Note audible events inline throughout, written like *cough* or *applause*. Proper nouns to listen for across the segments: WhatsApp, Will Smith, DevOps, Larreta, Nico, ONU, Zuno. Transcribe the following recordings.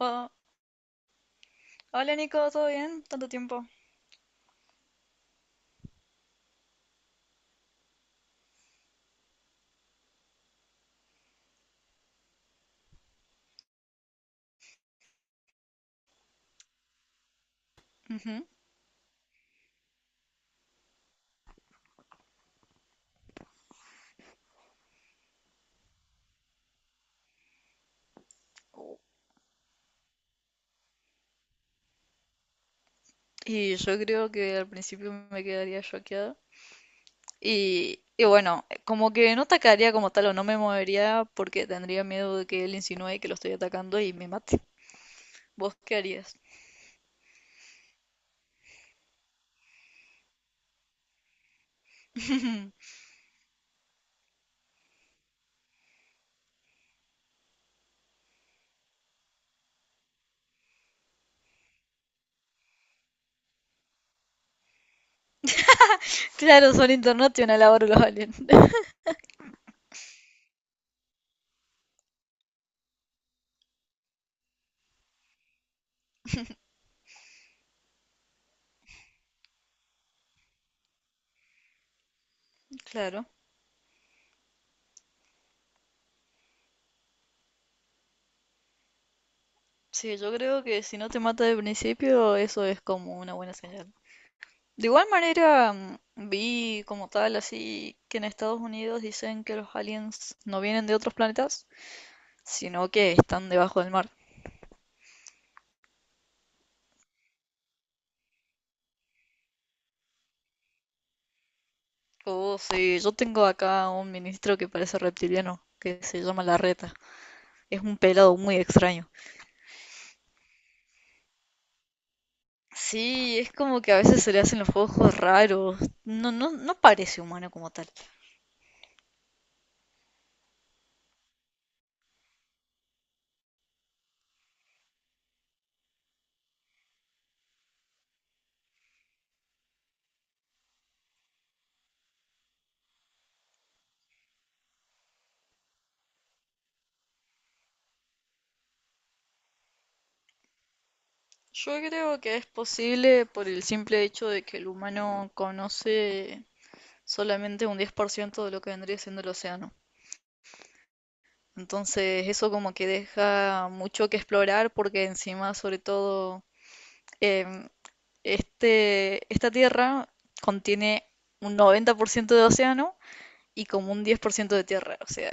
Oh, hola Nico, ¿todo bien? Tanto tiempo. Ujú. Y yo creo que al principio me quedaría choqueada. Y bueno, como que no atacaría como tal o no me movería porque tendría miedo de que él insinúe que lo estoy atacando y me mate. ¿Vos qué harías? Claro, son internacional ahora los aliens. *laughs* Claro. Sí, yo creo que si no te mata de principio, eso es como una buena señal. De igual manera, vi como tal, así que en Estados Unidos dicen que los aliens no vienen de otros planetas, sino que están debajo del mar. Oh, sí, yo tengo acá un ministro que parece reptiliano, que se llama Larreta. Es un pelado muy extraño. Sí, es como que a veces se le hacen los ojos raros. No, no, no parece humano como tal. Yo creo que es posible por el simple hecho de que el humano conoce solamente un 10% de lo que vendría siendo el océano. Entonces, eso como que deja mucho que explorar porque encima, sobre todo, em, esta tierra contiene un 90% de océano y como un 10% de tierra. O sea,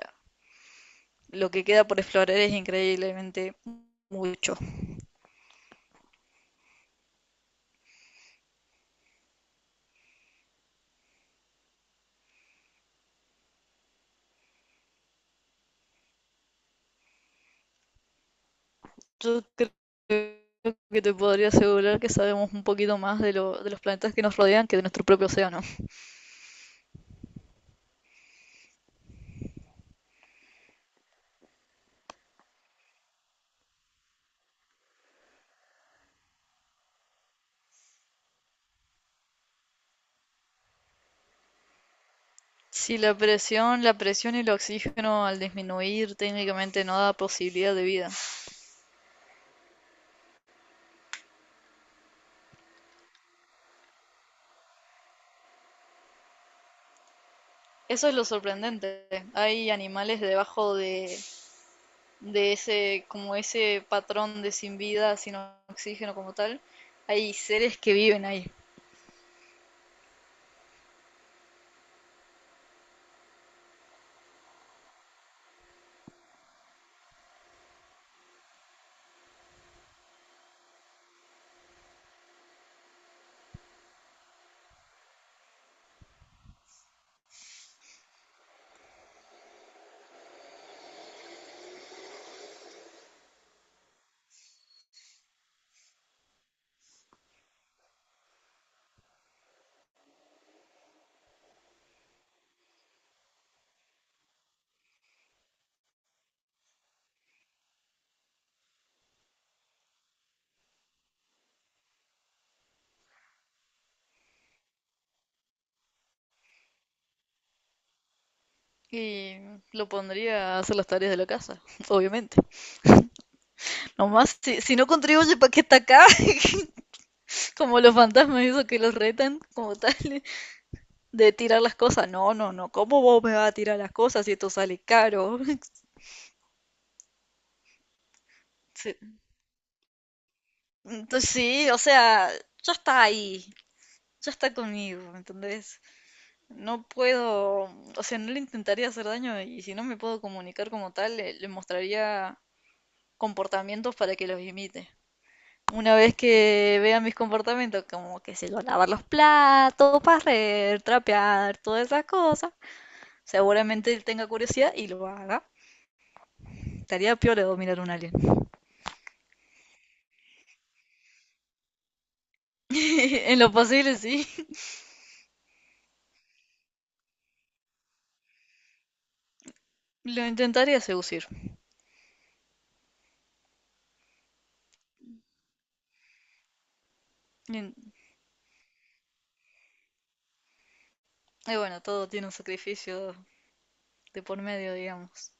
lo que queda por explorar es increíblemente mucho. Yo creo que te podría asegurar que sabemos un poquito más de los planetas que nos rodean que de nuestro propio océano. Si la presión y el oxígeno al disminuir técnicamente no da posibilidad de vida. Eso es lo sorprendente. Hay animales debajo de ese, como ese patrón de sin vida, sin oxígeno como tal, hay seres que viven ahí. Y lo pondría a hacer las tareas de la casa, *laughs* obviamente. Nomás, si no contribuye para que está acá, *laughs* como los fantasmas esos que los retan, como tal, de tirar las cosas. No, no, no, ¿cómo vos me vas a tirar las cosas si esto sale caro? *laughs* Entonces, sí, o sea, ya está ahí, ya está conmigo, ¿entendés? No puedo, o sea, no le intentaría hacer daño y si no me puedo comunicar como tal, le mostraría comportamientos para que los imite. Una vez que vea mis comportamientos, como que se lo lavar los platos, barrer, trapear, todas esas cosas, seguramente él tenga curiosidad y lo haga. Estaría peor de dominar un alien. *laughs* En lo posible, sí. Lo intentaría seducir. Y, y bueno, todo tiene un sacrificio de por medio, digamos.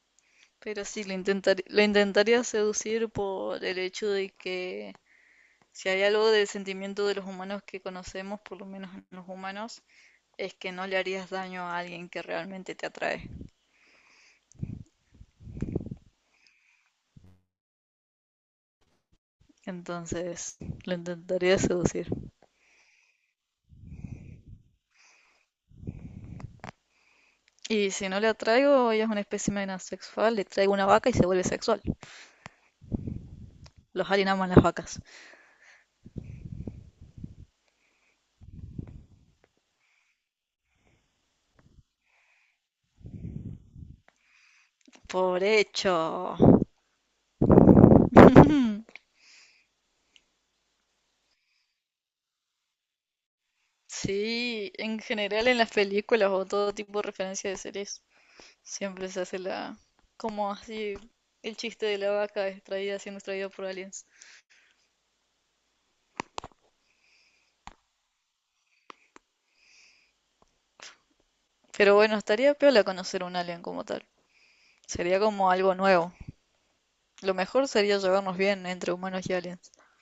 Pero sí, lo intentaría seducir por el hecho de que si hay algo del sentimiento de los humanos que conocemos, por lo menos en los humanos, es que no le harías daño a alguien que realmente te atrae. Entonces, lo intentaría seducir. Y si no le atraigo, ella es una especie asexual, le traigo una vaca y se vuelve sexual. Los aliens aman las vacas. Por hecho. Sí, en general en las películas o todo tipo de referencia de series siempre se hace la... Como así, el chiste de la vaca extraída siendo extraída por aliens. Pero bueno, estaría piola conocer un alien como tal. Sería como algo nuevo. Lo mejor sería llevarnos bien entre humanos y aliens. *laughs*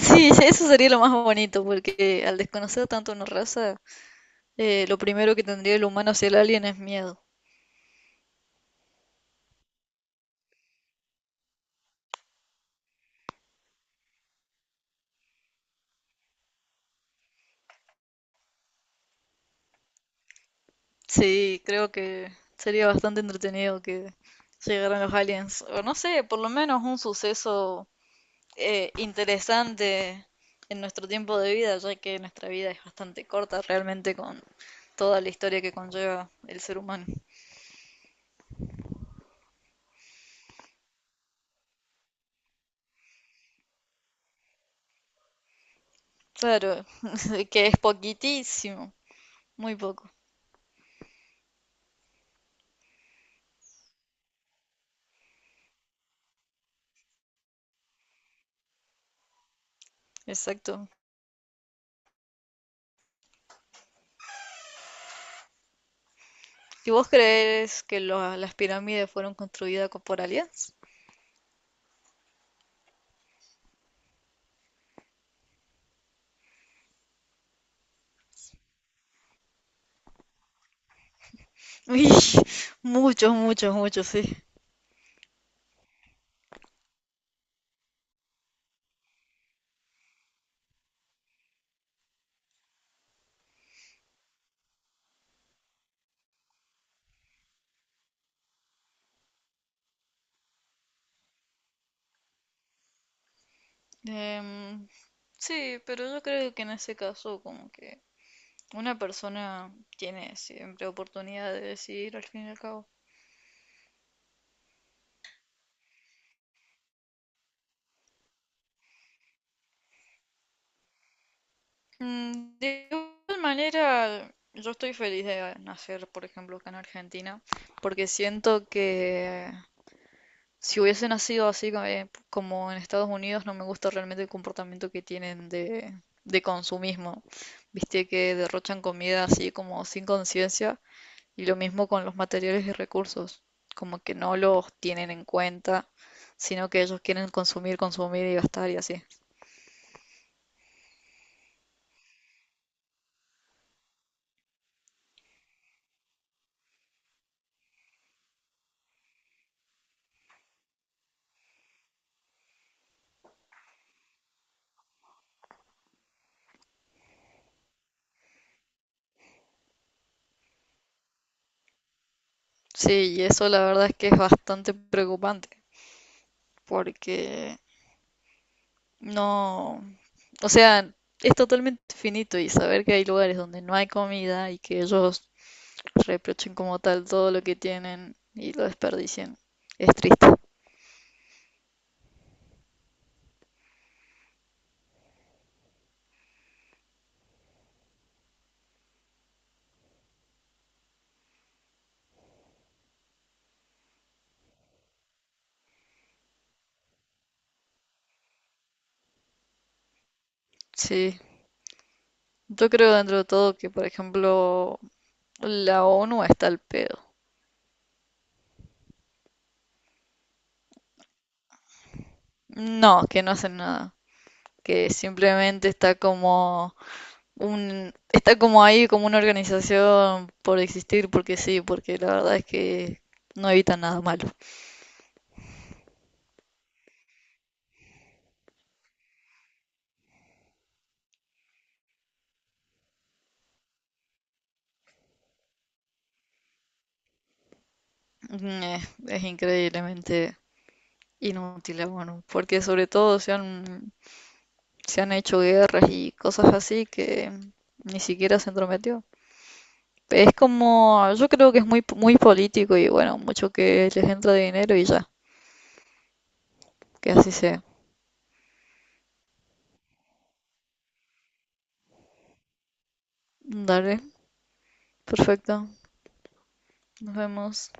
Sí, eso sería lo más bonito, porque al desconocer tanto una raza, lo primero que tendría el humano hacia el alien es miedo. Sí, creo que sería bastante entretenido que llegaran los aliens. O no sé, por lo menos un suceso interesante en nuestro tiempo de vida, ya que nuestra vida es bastante corta realmente con toda la historia que conlleva el ser humano. Claro, *laughs* que es poquitísimo, muy poco, exacto. ¿Y vos crees que las pirámides fueron construidas por aliens? *laughs* Uy, muchos, muchos, muchos, sí. Em, sí, pero yo creo que en ese caso como que una persona tiene siempre oportunidad de decidir al fin y al cabo. De igual manera, yo estoy feliz de nacer, por ejemplo, acá en Argentina, porque siento que si hubiese nacido como en Estados Unidos, no me gusta realmente el comportamiento que tienen de consumismo. Viste que derrochan comida así como sin conciencia, y lo mismo con los materiales y recursos, como que no los tienen en cuenta, sino que ellos quieren consumir, consumir y gastar y así. Sí, y eso la verdad es que es bastante preocupante, porque no, o sea, es totalmente finito y saber que hay lugares donde no hay comida y que ellos reprochen como tal todo lo que tienen y lo desperdicien es triste. Sí, yo creo dentro de todo que, por ejemplo, la ONU está al pedo. No, que no hacen nada, que simplemente está como un, está como ahí como una organización por existir, porque sí, porque la verdad es que no evita nada malo. Eh, es increíblemente inútil, bueno, porque sobre todo se han hecho guerras y cosas así que ni siquiera se entrometió. Es como, yo creo que es muy político y bueno, mucho que les entra de dinero y ya, que así sea. Dale, perfecto, nos vemos.